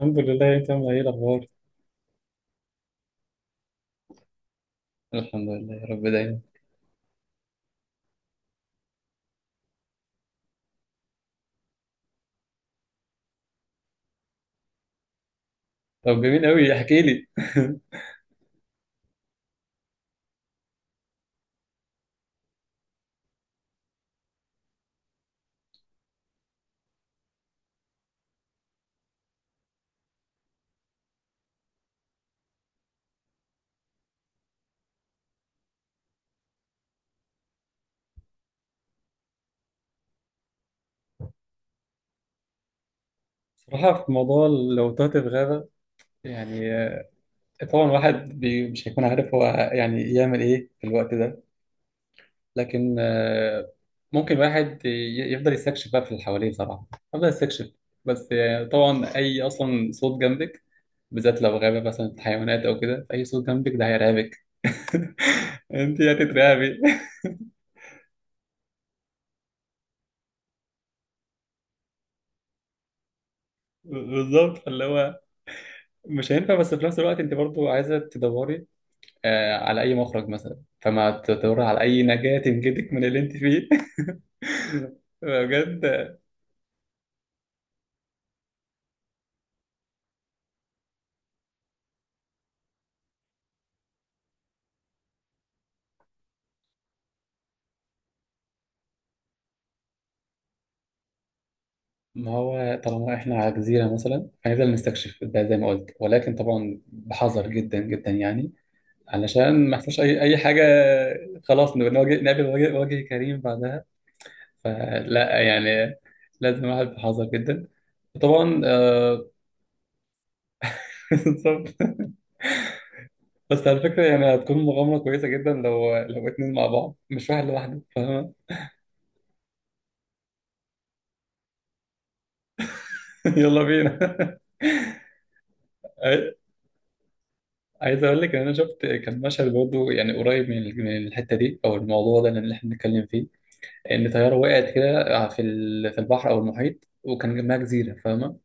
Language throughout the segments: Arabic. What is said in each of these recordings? الحمد لله، انت عامل ايه الاخبار؟ الحمد لله يا رب دايما. طب جميل قوي احكي لي. صراحة في موضوع لو تهت في غابة يعني آه، طبعا واحد بي مش هيكون عارف هو يعني يعمل ايه في الوقت ده، لكن ممكن واحد يفضل يستكشف بقى في اللي حواليه صراحة، يفضل يستكشف. بس طبعا اي اصلا صوت جنبك، بالذات لو غابة مثلا حيوانات او كده، اي صوت جنبك ده هيرعبك. انت هتترعبي. بالظبط، اللي هو مش هينفع، بس في نفس الوقت انت برضو عايزه تدوري آه على اي مخرج مثلا، فما تدوري على اي نجاه تنجدك من اللي انت فيه. بجد. ما هو طالما احنا على جزيره مثلا هنفضل نستكشف ده زي ما قلت، ولكن طبعا بحذر جدا جدا يعني، علشان ما يحصلش اي حاجه. خلاص نواجه نقابل وجه، وجه كريم بعدها. فلا يعني لازم الواحد بحذر جدا. وطبعا آه. بالظبط. بس على فكرة يعني هتكون مغامرة كويسة جدا لو اتنين مع بعض مش واحد لوحده، فاهمة؟ يلا بينا. عاي- عايز أقول لك إن أنا شفت كان مشهد برضه يعني قريب من الحتة دي أو الموضوع ده اللي إحنا بنتكلم فيه، إن طيارة وقعت كده في البحر أو المحيط، وكان جنبها جزيرة فاهمة.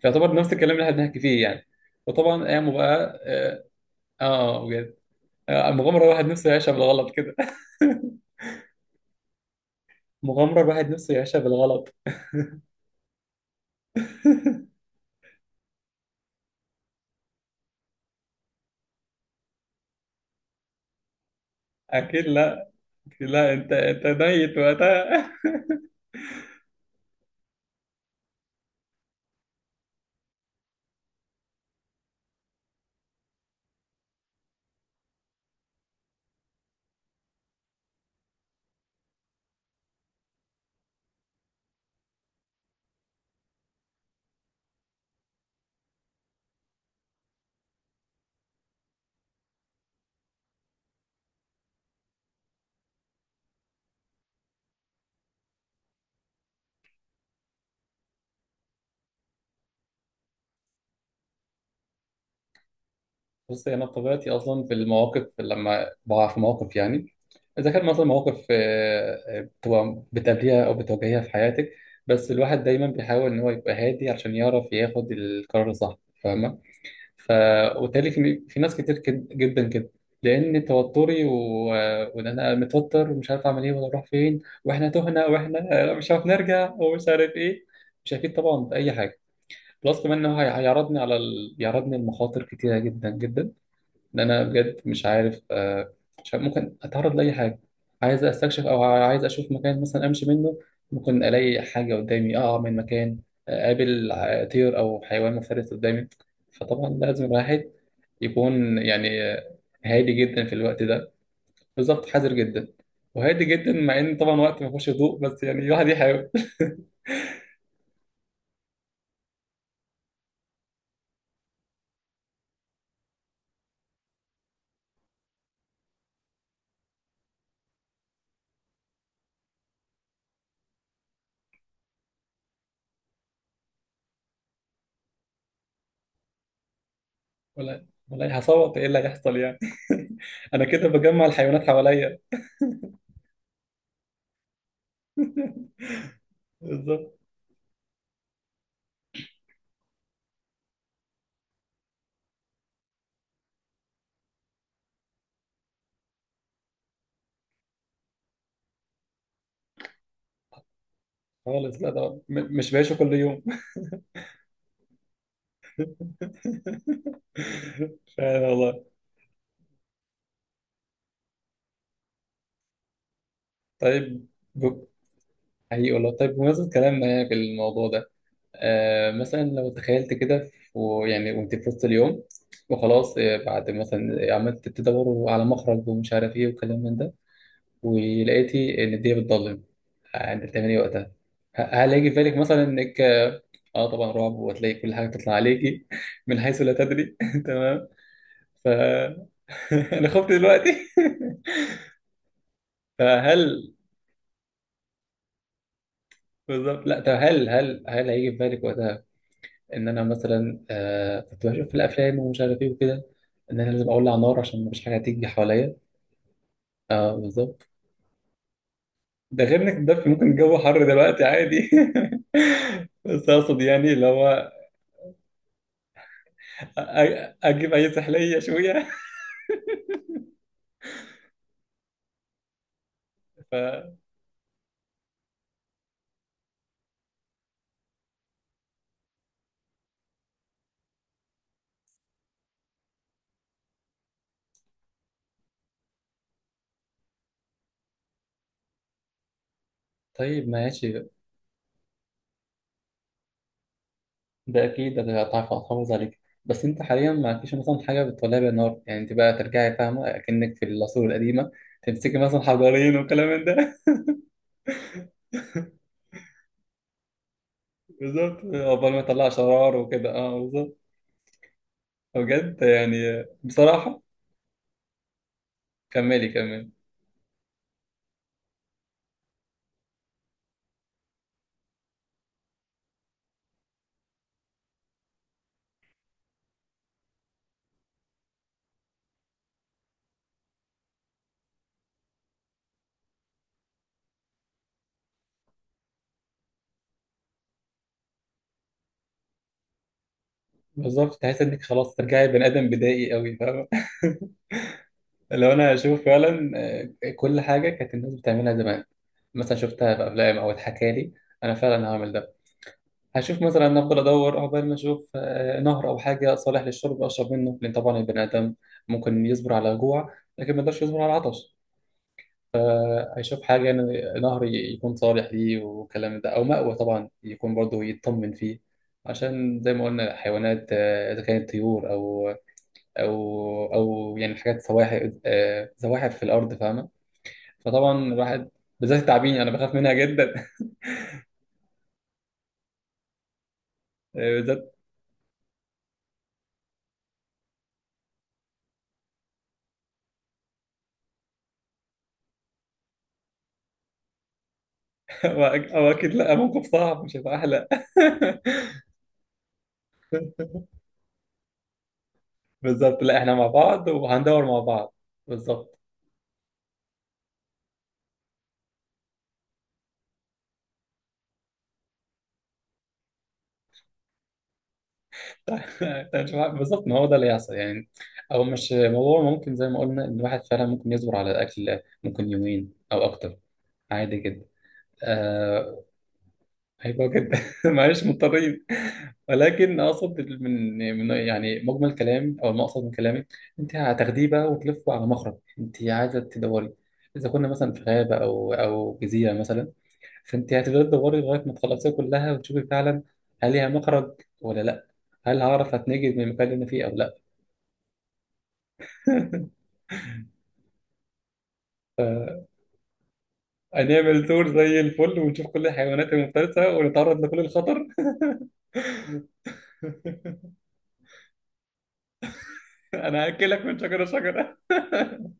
فيعتبر نفس الكلام اللي إحنا بنحكي فيه يعني. وطبعا قاموا بقى آه. آه، بجد. آه، مغامرة الواحد نفسه يعيشها بالغلط كده. مغامرة الواحد نفسه يعيشها بالغلط. أكيد لا. لا انت ميت وقتها. بص انا بطبيعتي اصلا في المواقف لما بقع في مواقف يعني، اذا كان مثلا مواقف بتبقى بتقابليها او بتواجهيها في حياتك، بس الواحد دايما بيحاول ان هو يبقى هادي عشان يعرف ياخد القرار الصح، فاهمه. ف وبالتالي في ناس كتير جدا كده، لان توتري و... وان انا متوتر ومش عارف اعمل ايه ولا اروح فين واحنا تهنا واحنا مش عارف نرجع ومش عارف ايه، مش هيفيد طبعا باي حاجه. بلس كمان انه هيعرضني على ال... بيعرضني لمخاطر كتيره جدا جدا، ان انا بجد مش عارف آه، مش عارف ممكن اتعرض لاي حاجه. عايز استكشف او عايز اشوف مكان مثلا امشي منه، ممكن الاقي حاجه قدامي اقع من مكان، آه، اقابل طير او حيوان مفترس قدامي. فطبعا لازم الواحد يكون يعني آه، هادي جدا في الوقت ده. بالظبط حذر جدا وهادي جدا، مع ان طبعا وقت ما فيهوش هدوء، بس يعني الواحد يحاول. ولا والله، هصوت ايه اللي هيحصل يعني؟ انا كده بجمع الحيوانات حواليا. بالظبط. خالص لا، ده مش بعيشه كل يوم. فعلا والله. طيب ب- حقيقي والله، طيب بمناسبة كلامنا يعني في الموضوع ده، آه مثلا لو تخيلت كده ويعني وانت في وسط اليوم، وخلاص آه، بعد مثلا عملت تدور على مخرج ومش عارف ايه وكلام من ده، ولقيتي ان الدنيا بتضلم، يعني انت بتعملي إيه وقتها؟ هل هيجي في بالك مثلا انك اه. آه طبعا رعب، وهتلاقي كل حاجه تطلع عليكي من حيث لا تدري. تمام. ف انا خفت دلوقتي. فهل بالظبط، لا طب هل هيجي في بالك وقتها ان انا مثلا آه كنت بشوف في الافلام ومش عارف ايه وكده، ان انا لازم اولع نار عشان مفيش حاجه هتيجي حواليا. اه بالظبط. ده غير انك ممكن الجو حر دلوقتي عادي. بس اقصد يعني اللي هو أ- اجيب اي سحليه شويه. ف... طيب ماشي، ده اكيد انا هتعرف احافظ عليك. بس انت حاليا ما عندكيش مثلا حاجه بتولع بيها نار يعني، انت بقى ترجعي فاهمه اكنك في العصور القديمه، تمسكي مثلا حجرين وكلام من ده. بالظبط، عقبال ما تطلع شرار وكده، اه بالظبط. بجد يعني بصراحه. كملي كملي. بالظبط، تحس انك خلاص ترجعي بني ادم بدائي قوي، فاهمه؟ لو انا اشوف فعلا آه، كل حاجه كانت الناس بتعملها زمان، مثلا شفتها في افلام او اتحكى لي، انا فعلا هعمل ده. هشوف مثلا، أنا افضل ادور عقبال ما اشوف آه، نهر او حاجه صالح للشرب اشرب منه، لان طبعا البني ادم ممكن يصبر على جوع، لكن ما يقدرش يصبر على عطش. فهيشوف حاجه يعني نهر يكون صالح ليه والكلام ده، او مأوى طبعا يكون برضه يطمن فيه، عشان زي ما قلنا حيوانات آه، اذا كانت طيور او او او يعني حاجات سواحل آه، زواحف في الارض، فاهمه؟ فطبعا الواحد، بالذات التعابين انا بخاف منها جدا. بالذات. او اكيد لا، موقف صعب مش هيبقى احلى. بالظبط، لا احنا مع بعض وهندور مع بعض. بالظبط. بالظبط ما هو ده اللي يحصل يعني. او مش موضوع، ممكن زي ما قلنا ان الواحد فعلا ممكن يصبر على الاكل، ممكن يومين او اكتر، عادي جدا. آه هيبقى جدا. معلش مضطرين. ولكن اقصد من من يعني مجمل كلام او المقصد من كلامي، انت هتاخديه بقى وتلفه على مخرج انت عايزه تدوري، اذا كنا مثلا في غابه او جزيره مثلا، فانت هتفضلي تدوري لغايه ما تخلصيها كلها وتشوفي فعلا هل ليها مخرج ولا لا، هل هعرف اتنجد من المكان اللي انا فيه او لا. هنعمل تور زي الفل ونشوف كل الحيوانات المفترسه ونتعرض لكل الخطر. انا هاكلك من شجره شجره.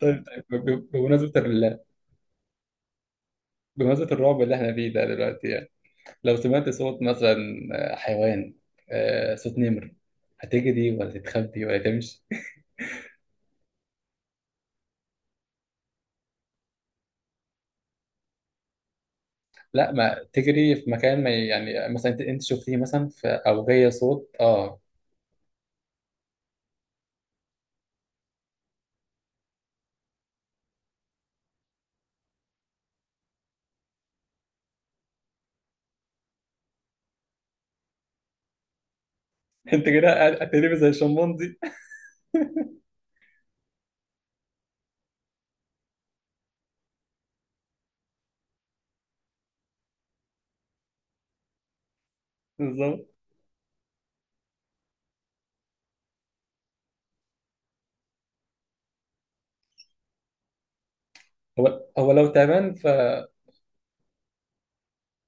طيب، بمناسبة بمناسبة الرعب اللي احنا فيه ده دلوقتي يعني، لو سمعت صوت مثلا آه، حيوان، آه، صوت نمر، هتجري ولا تتخبي ولا تمشي؟ لا ما تجري في مكان ما، يعني مثلا انت شفتيه مثلا في اوجيه صوت اه. انت كده هتقلبي زي الشمبانزي. بالظبط. هو لو تعبان ف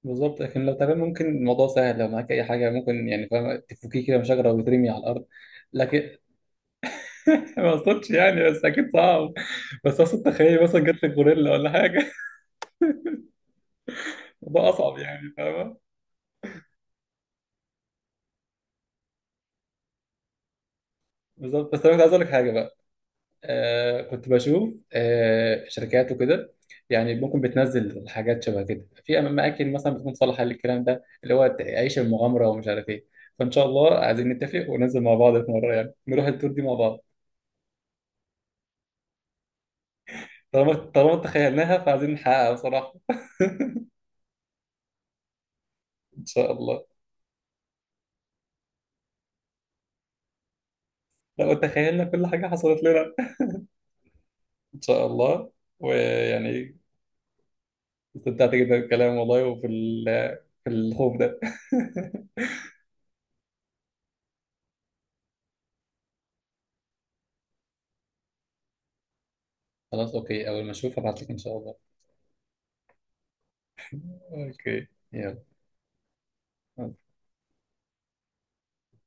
بالظبط. لكن لو تعبان ممكن الموضوع سهل، لو معاك اي حاجه ممكن يعني فاهم تفكيه كده من شجره وترمي على الارض. لكن ما اقصدش يعني، بس اكيد صعب. بس اقصد تخيل مثلا جت لك غوريلا ولا حاجه. الموضوع اصعب يعني، فاهمه؟ بالظبط. بس انا كنت عايز اقول لك حاجه بقى، آه كنت بشوف آه شركات وكده، يعني ممكن بتنزل حاجات شبه كده في اماكن مثلا بتكون صالحه للكلام ده اللي هو عيش المغامره ومش عارف ايه. فان شاء الله عايزين نتفق وننزل مع بعض في مره، يعني نروح التور دي مع بعض. طالما تخيلناها فعايزين نحققها بصراحه. ان شاء الله. لو تخيلنا كل حاجه حصلت لنا. ان شاء الله. ويعني استمتعت جدا بالكلام والله، في الخوف ده. خلاص اوكي، اول ما اشوف هبعت لك ان شاء الله. اوكي يلا.